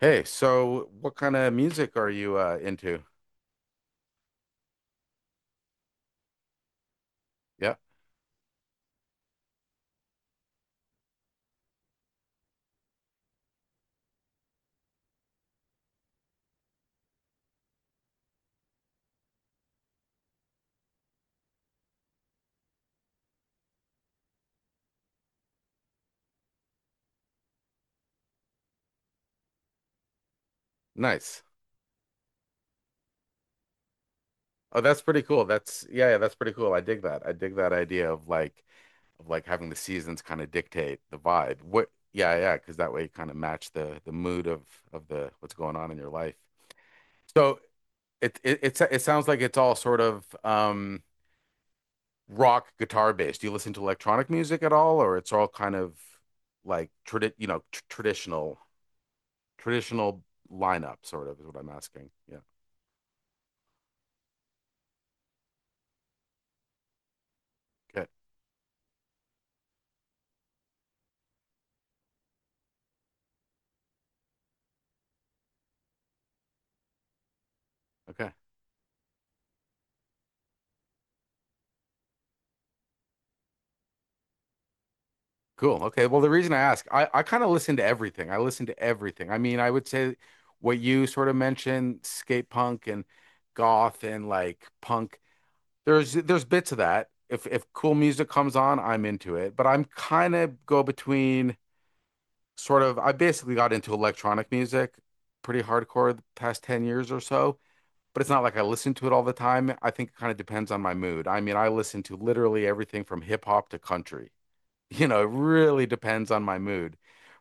Hey, so what kind of music are you into? Yeah, nice. Oh, that's pretty cool. That's pretty cool. I dig that. I dig that idea of like having the seasons kind of dictate the vibe. Because that way you kind of match the mood of the what's going on in your life. So it sounds like it's all sort of rock guitar based. Do you listen to electronic music at all, or it's all kind of like tradi you know tr traditional traditional lineup sort of is what I'm asking. Yeah. Good. Okay. Cool. Okay. Well, the reason I ask, I kind of listen to everything. I listen to everything. I mean, I would say what you sort of mentioned, skate punk and goth and like punk. There's bits of that. If cool music comes on, I'm into it. But I'm kind of go between sort of I basically got into electronic music pretty hardcore the past 10 years or so. But it's not like I listen to it all the time. I think it kind of depends on my mood. I mean, I listen to literally everything from hip hop to country. It really depends on my mood.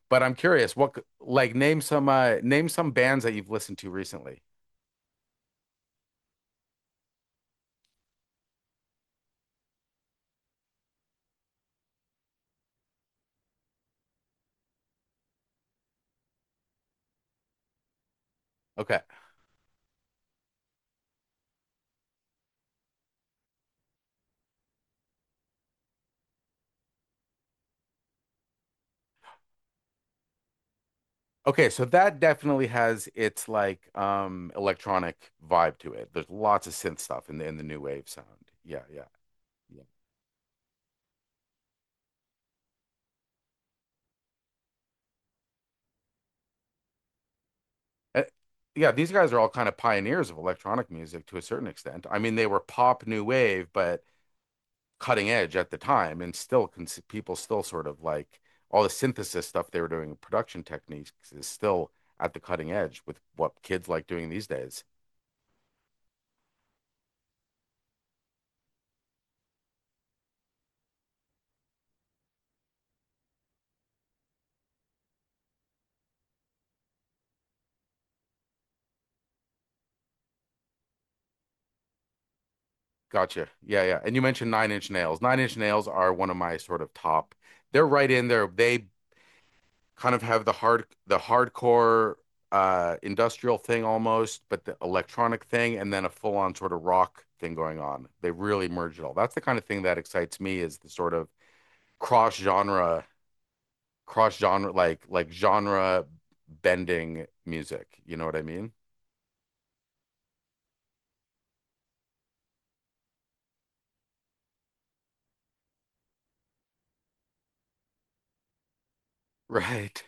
But I'm curious, what c- like name some bands that you've listened to recently. Okay. Okay, so that definitely has its like electronic vibe to it. There's lots of synth stuff in the new wave sound. Yeah, yeah. Yeah. Uh, yeah, these guys are all kind of pioneers of electronic music to a certain extent. I mean, they were pop new wave, but cutting edge at the time and still cons people still sort of like all the synthesis stuff they were doing production techniques is still at the cutting edge with what kids like doing these days. Gotcha. Yeah, yeah. And you mentioned Nine Inch Nails. Nine Inch Nails are one of my sort of top. They're right in there. They kind of have the hardcore industrial thing almost, but the electronic thing and then a full on sort of rock thing going on. They really merge it all. That's the kind of thing that excites me is the sort of cross genre cross genre like genre bending music. You know what I mean? Right.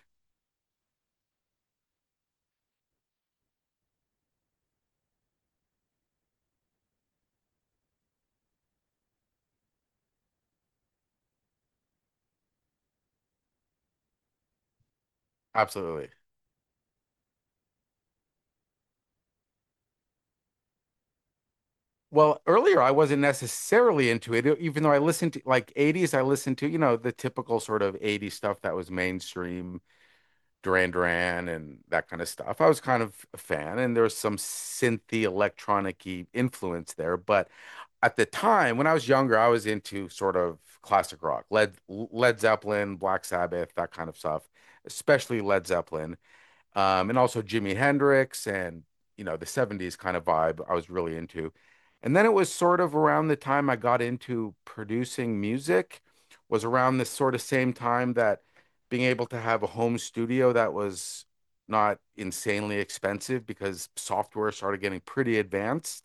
Absolutely. Well, earlier I wasn't necessarily into it, even though I listened to like 80's, I listened to, you know, the typical sort of 80's stuff that was mainstream. Duran Duran and that kind of stuff. I was kind of a fan, and there was some synthy electronic-y influence there. But at the time, when I was younger, I was into sort of classic rock, Led Zeppelin, Black Sabbath, that kind of stuff, especially Led Zeppelin and also Jimi Hendrix and you know the 70's kind of vibe I was really into. And then it was sort of around the time I got into producing music was around this sort of same time that being able to have a home studio that was not insanely expensive because software started getting pretty advanced.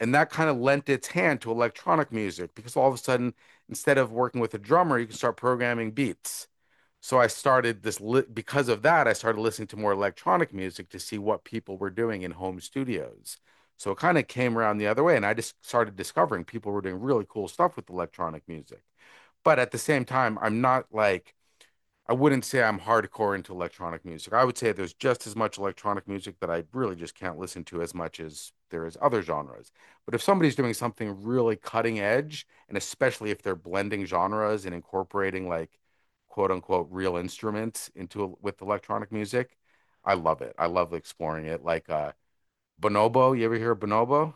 And that kind of lent its hand to electronic music because all of a sudden, instead of working with a drummer, you can start programming beats. So I started because of that, I started listening to more electronic music to see what people were doing in home studios. So it kind of came around the other way, and I just started discovering people were doing really cool stuff with electronic music. But at the same time, I'm not like I wouldn't say I'm hardcore into electronic music. I would say there's just as much electronic music that I really just can't listen to as much as there is other genres. But if somebody's doing something really cutting edge, and especially if they're blending genres and incorporating like quote unquote real instruments into with electronic music, I love it. I love exploring it. Like Bonobo, you ever hear of Bonobo?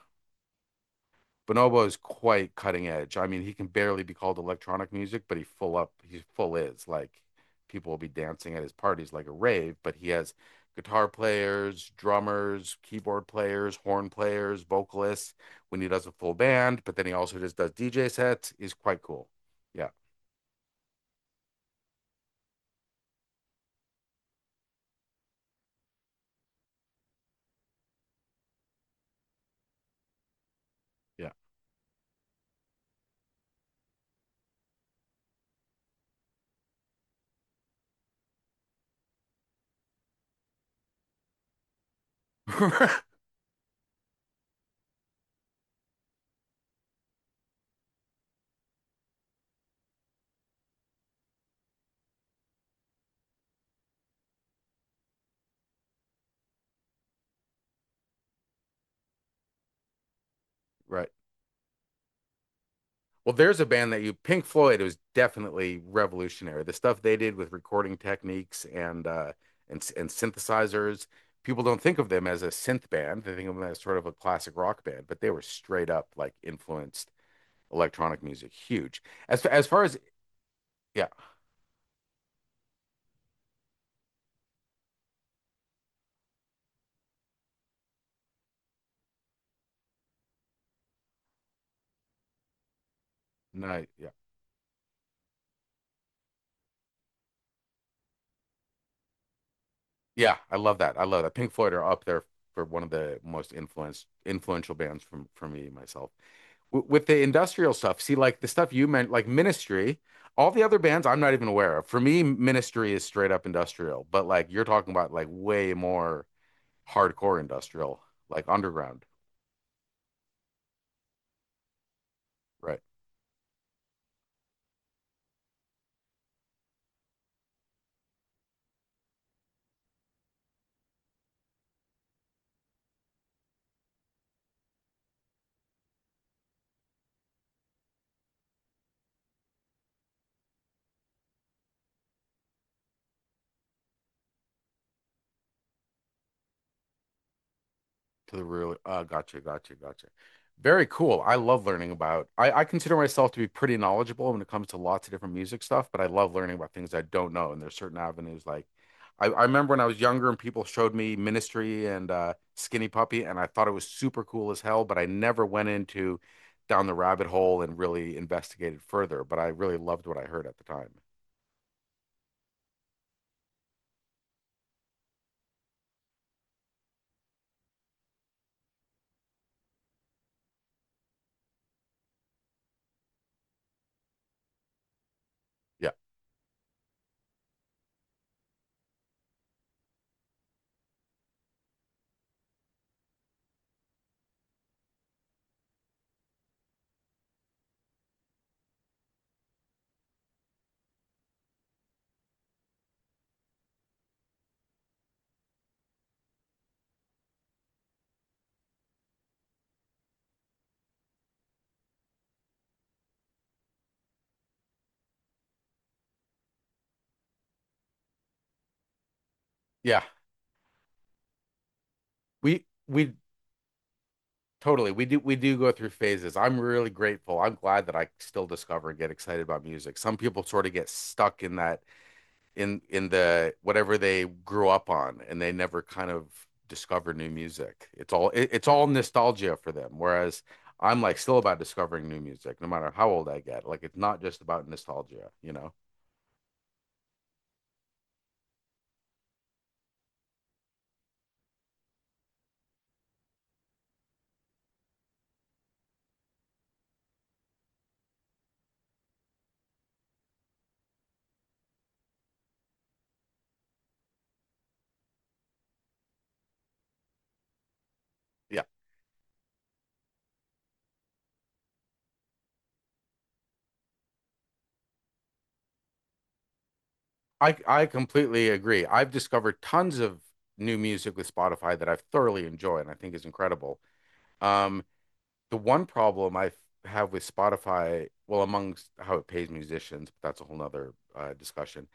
Bonobo is quite cutting edge. I mean, he can barely be called electronic music, but he full is. Like people will be dancing at his parties like a rave, but he has guitar players, drummers, keyboard players, horn players, vocalists when he does a full band, but then he also just does DJ sets. He's quite cool. Yeah. Yeah. Right. Well, there's a band that Pink Floyd, was definitely revolutionary. The stuff they did with recording techniques and and synthesizers, people don't think of them as a synth band. They think of them as sort of a classic rock band, but they were straight up like influenced electronic music, huge. As far as yeah, no, yeah, yeah, I love that. I love that. Pink Floyd are up there for one of the most influenced influential bands from for me myself. With the industrial stuff. See, like the stuff you meant, like Ministry, all the other bands I'm not even aware of. For me, Ministry is straight up industrial, but like you're talking about like way more hardcore industrial, like underground, right? To the real. Gotcha. Very cool. I love learning about. I consider myself to be pretty knowledgeable when it comes to lots of different music stuff, but I love learning about things I don't know. And there's certain avenues like I remember when I was younger and people showed me Ministry and Skinny Puppy, and I thought it was super cool as hell, but I never went into down the rabbit hole and really investigated further. But I really loved what I heard at the time. Yeah, yeah. We Totally. We do go through phases. I'm really grateful. I'm glad that I still discover and get excited about music. Some people sort of get stuck in that in the whatever they grew up on and they never kind of discover new music. It's all nostalgia for them. Whereas I'm like still about discovering new music no matter how old I get. Like it's not just about nostalgia, you know. Yeah. I completely agree. I've discovered tons of new music with Spotify that I've thoroughly enjoyed and I think is incredible. Um the one problem I have with Spotify, well, amongst how it pays musicians, but that's a whole nother discussion,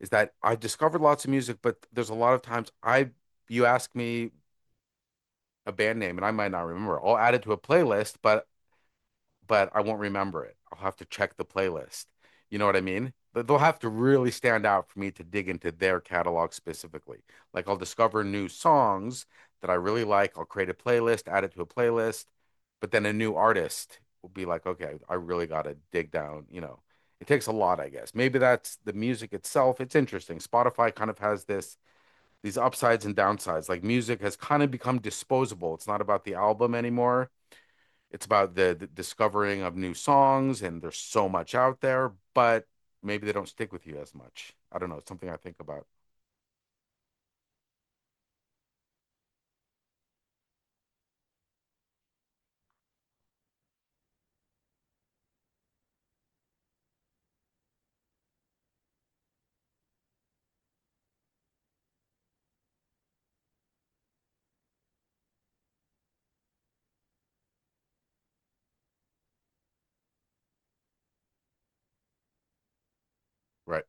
is that I discovered lots of music, but there's a lot of you ask me a band name and I might not remember. I'll add it to a playlist, but I won't remember it. I'll have to check the playlist. You know what I mean? They'll have to really stand out for me to dig into their catalog specifically. Like I'll discover new songs that I really like. I'll create a playlist, add it to a playlist, but then a new artist will be like, okay, I really gotta dig down, you know. It takes a lot, I guess. Maybe that's the music itself. It's interesting. Spotify kind of has this these upsides and downsides. Like music has kind of become disposable. It's not about the album anymore, it's about the discovering of new songs, and there's so much out there, but maybe they don't stick with you as much. I don't know. It's something I think about. Right.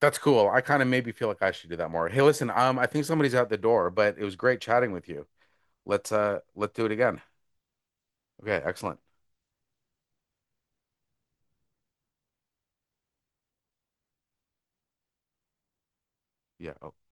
That's cool. I kind of maybe feel like I should do that more. Hey, listen, I think somebody's out the door, but it was great chatting with you. Let's do it again. Okay, excellent. Yeah.